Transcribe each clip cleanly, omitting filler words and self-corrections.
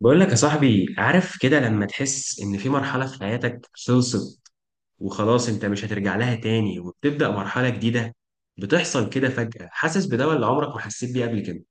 بقول لك يا صاحبي، عارف كده لما تحس ان في مرحلة في حياتك خلصت وخلاص انت مش هترجع لها تاني وبتبدأ مرحلة جديدة. بتحصل كده فجأة، حاسس بده اللي عمرك ما حسيت بيه قبل كده.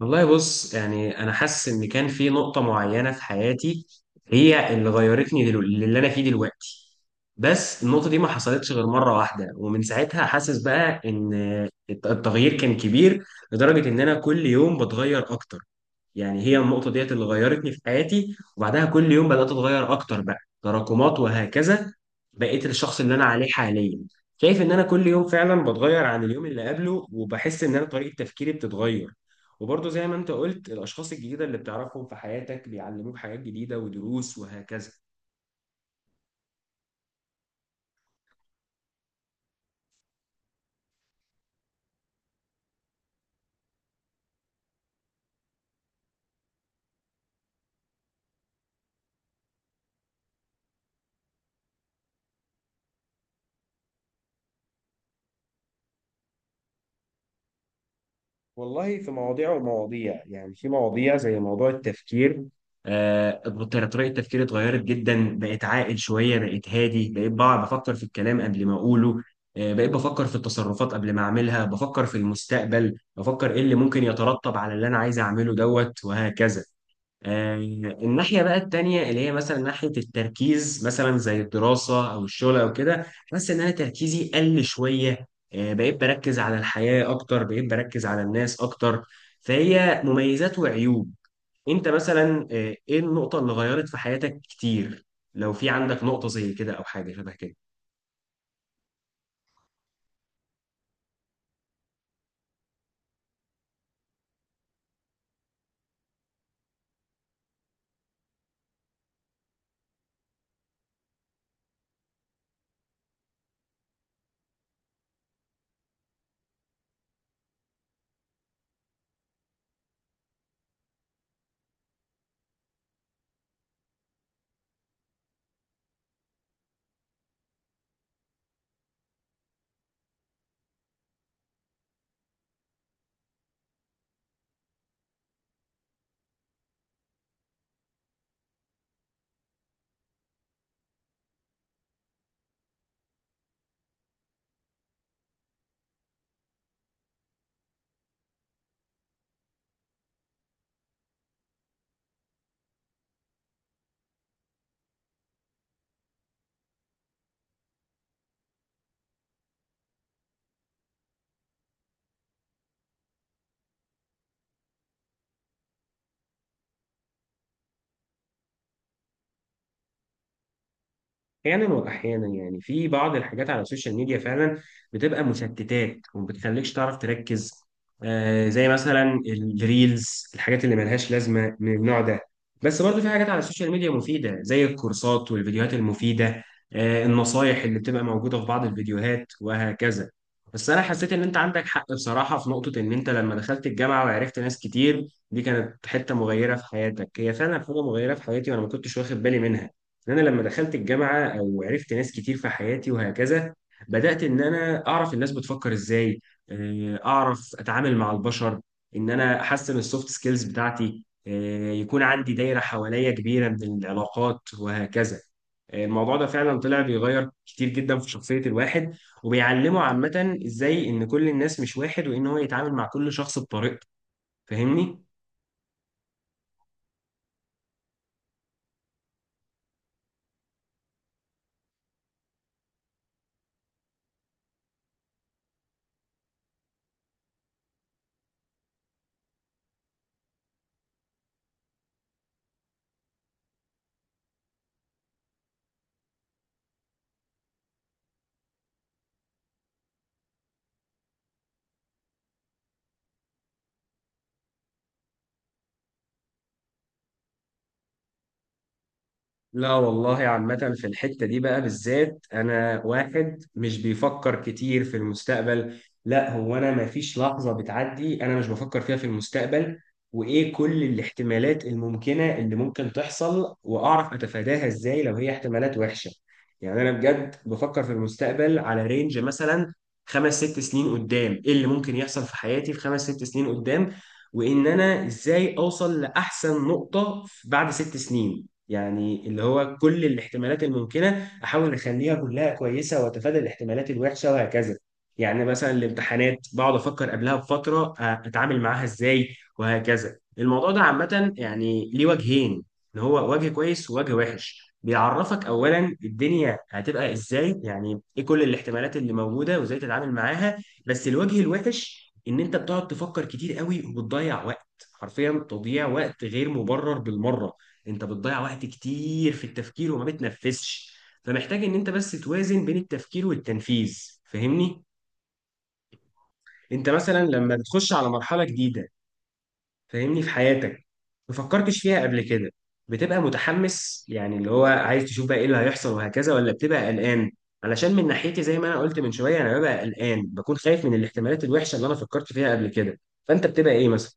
والله بص، يعني انا حاسس ان كان في نقطة معينة في حياتي هي اللي غيرتني اللي انا فيه دلوقتي. بس النقطة دي ما حصلتش غير مرة واحدة، ومن ساعتها حاسس بقى ان التغيير كان كبير لدرجة ان انا كل يوم بتغير اكتر. يعني هي النقطة ديت اللي غيرتني في حياتي، وبعدها كل يوم بدأت أتغير أكتر، بقى تراكمات وهكذا. بقيت الشخص اللي أنا عليه حاليا. شايف إن أنا كل يوم فعلا بتغير عن اليوم اللي قبله، وبحس إن أنا طريقة تفكيري بتتغير. وبرضه زي ما أنت قلت، الأشخاص الجديدة اللي بتعرفهم في حياتك بيعلموك حاجات جديدة ودروس وهكذا. والله في مواضيع ومواضيع، يعني في مواضيع زي موضوع التفكير. آه طريقة تفكيري اتغيرت جدا، بقيت عاقل شوية، بقيت هادي، بقيت بقى بفكر في الكلام قبل ما أقوله. بقيت بفكر في التصرفات قبل ما أعملها، بفكر في المستقبل، بفكر إيه اللي ممكن يترتب على اللي أنا عايز أعمله دوت وهكذا. آه، الناحية بقى التانية اللي هي مثلا ناحية التركيز، مثلا زي الدراسة أو الشغل أو كده، بس إن أنا تركيزي قل شوية. بقيت بركز على الحياة أكتر، بقيت بركز على الناس أكتر. فهي مميزات وعيوب. أنت مثلا، إيه النقطة اللي غيرت في حياتك كتير؟ لو في عندك نقطة زي كده أو حاجة شبه كده. احيانا واحيانا، يعني في بعض الحاجات على السوشيال ميديا فعلا بتبقى مشتتات وما بتخليكش تعرف تركز. آه، زي مثلا الريلز، الحاجات اللي ملهاش لازمه من النوع ده. بس برضو في حاجات على السوشيال ميديا مفيده، زي الكورسات والفيديوهات المفيده. آه، النصايح اللي بتبقى موجوده في بعض الفيديوهات وهكذا. بس انا حسيت ان انت عندك حق بصراحه في نقطه، ان انت لما دخلت الجامعه وعرفت ناس كتير دي كانت حته مغيره في حياتك. هي فعلا حاجه مغيره في حياتي وانا ما كنتش واخد بالي منها. ان انا لما دخلت الجامعه او عرفت ناس كتير في حياتي وهكذا، بدات ان انا اعرف الناس بتفكر ازاي. اعرف اتعامل مع البشر. ان انا احسن السوفت سكيلز بتاعتي، يكون عندي دايره حواليا كبيره من العلاقات وهكذا. الموضوع ده فعلا طلع بيغير كتير جدا في شخصيه الواحد، وبيعلمه عامه ازاي ان كل الناس مش واحد، وان هو يتعامل مع كل شخص بطريقته. فاهمني. لا والله عامة في الحتة دي بقى بالذات، أنا واحد مش بيفكر كتير في المستقبل. لا، هو أنا ما فيش لحظة بتعدي أنا مش بفكر فيها في المستقبل، وإيه كل الاحتمالات الممكنة اللي ممكن تحصل، وأعرف أتفاداها إزاي لو هي احتمالات وحشة. يعني أنا بجد بفكر في المستقبل على رينج مثلا خمس ست سنين قدام، إيه اللي ممكن يحصل في حياتي في خمس ست سنين قدام، وإن أنا إزاي أوصل لأحسن نقطة بعد ست سنين. يعني اللي هو كل الاحتمالات الممكنة أحاول أخليها كلها كويسة، وأتفادى الاحتمالات الوحشة وهكذا. يعني مثلا الامتحانات بقعد أفكر قبلها بفترة، أتعامل معاها إزاي وهكذا. الموضوع ده عامة يعني ليه وجهين، إن هو وجه كويس ووجه وحش. بيعرفك أولا الدنيا هتبقى إزاي، يعني إيه كل الاحتمالات اللي موجودة وإزاي تتعامل معاها. بس الوجه الوحش إن أنت بتقعد تفكر كتير قوي وبتضيع وقت. حرفيا تضييع وقت غير مبرر بالمرة. انت بتضيع وقت كتير في التفكير وما بتنفذش. فمحتاج ان انت بس توازن بين التفكير والتنفيذ. فاهمني. انت مثلا لما بتخش على مرحلة جديدة، فاهمني، في حياتك ما فكرتش فيها قبل كده، بتبقى متحمس، يعني اللي هو عايز تشوف بقى ايه اللي هيحصل وهكذا، ولا بتبقى قلقان؟ علشان من ناحيتي زي ما انا قلت من شوية، انا ببقى قلقان، بكون خايف من الاحتمالات الوحشة اللي انا فكرت فيها قبل كده. فانت بتبقى ايه مثلا؟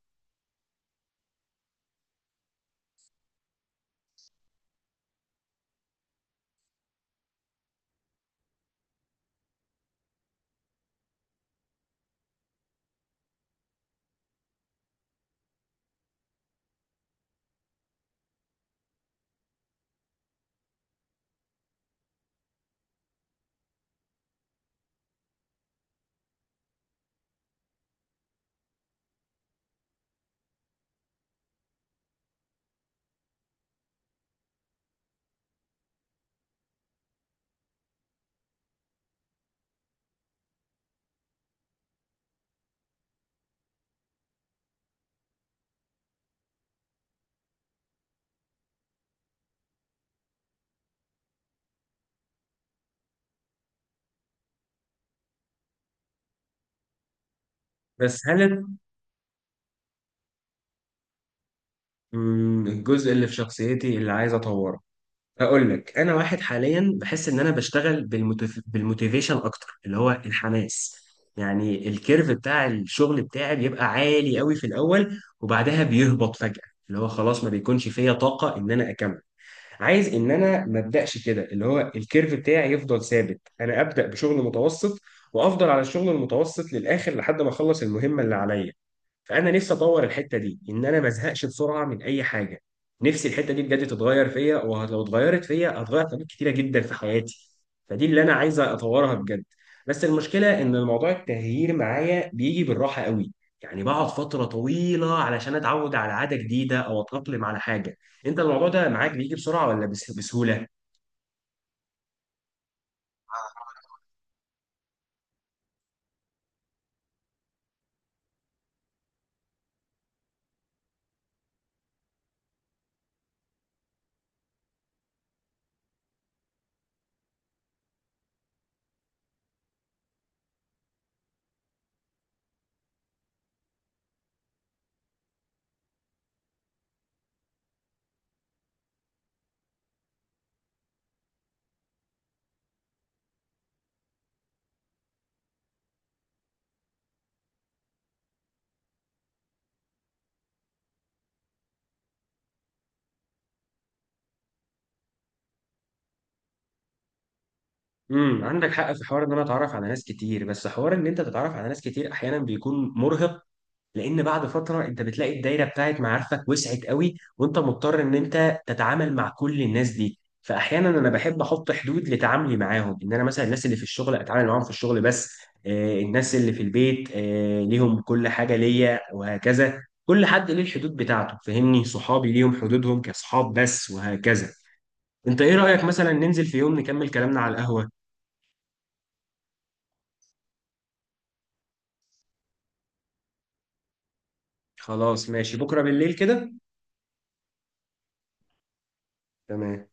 بس هل مم، الجزء اللي في شخصيتي اللي عايز اطوره اقول لك. انا واحد حاليا بحس ان انا بشتغل بالموتيفيشن اكتر، اللي هو الحماس. يعني الكيرف بتاع الشغل بتاعي بيبقى عالي قوي في الاول وبعدها بيهبط فجأة، اللي هو خلاص ما بيكونش فيا طاقة ان انا اكمل. عايز ان انا ما ابداش كده، اللي هو الكيرف بتاعي يفضل ثابت، انا ابدا بشغل متوسط وافضل على الشغل المتوسط للاخر لحد ما اخلص المهمة اللي عليا. فانا نفسي اطور الحته دي، ان انا ما ازهقش بسرعه من اي حاجه. نفسي الحته دي بجد تتغير فيا، ولو اتغيرت فيا هتغير حاجات كتيره جدا في حياتي. فدي اللي انا عايز اطورها بجد. بس المشكله ان الموضوع التغيير معايا بيجي بالراحه قوي. يعني بقعد فتره طويله علشان اتعود على عاده جديده او اتاقلم على حاجه. انت الموضوع ده معاك بيجي بسرعه ولا بسهوله؟ امم، عندك حق في حوار ان انا اتعرف على ناس كتير، بس حوار ان انت تتعرف على ناس كتير احيانا بيكون مرهق. لان بعد فتره انت بتلاقي الدايره بتاعت معارفك وسعت قوي، وانت مضطر ان انت تتعامل مع كل الناس دي. فاحيانا انا بحب احط حدود لتعاملي معاهم، ان انا مثلا الناس اللي في الشغل اتعامل معاهم في الشغل بس. الناس اللي في البيت، ليهم كل حاجه ليا وهكذا. كل حد ليه الحدود بتاعته، فهمني، صحابي ليهم حدودهم كصحاب بس وهكذا. انت ايه رايك مثلا ننزل في يوم نكمل كلامنا على القهوه؟ خلاص ماشي، بكره بالليل كده. تمام.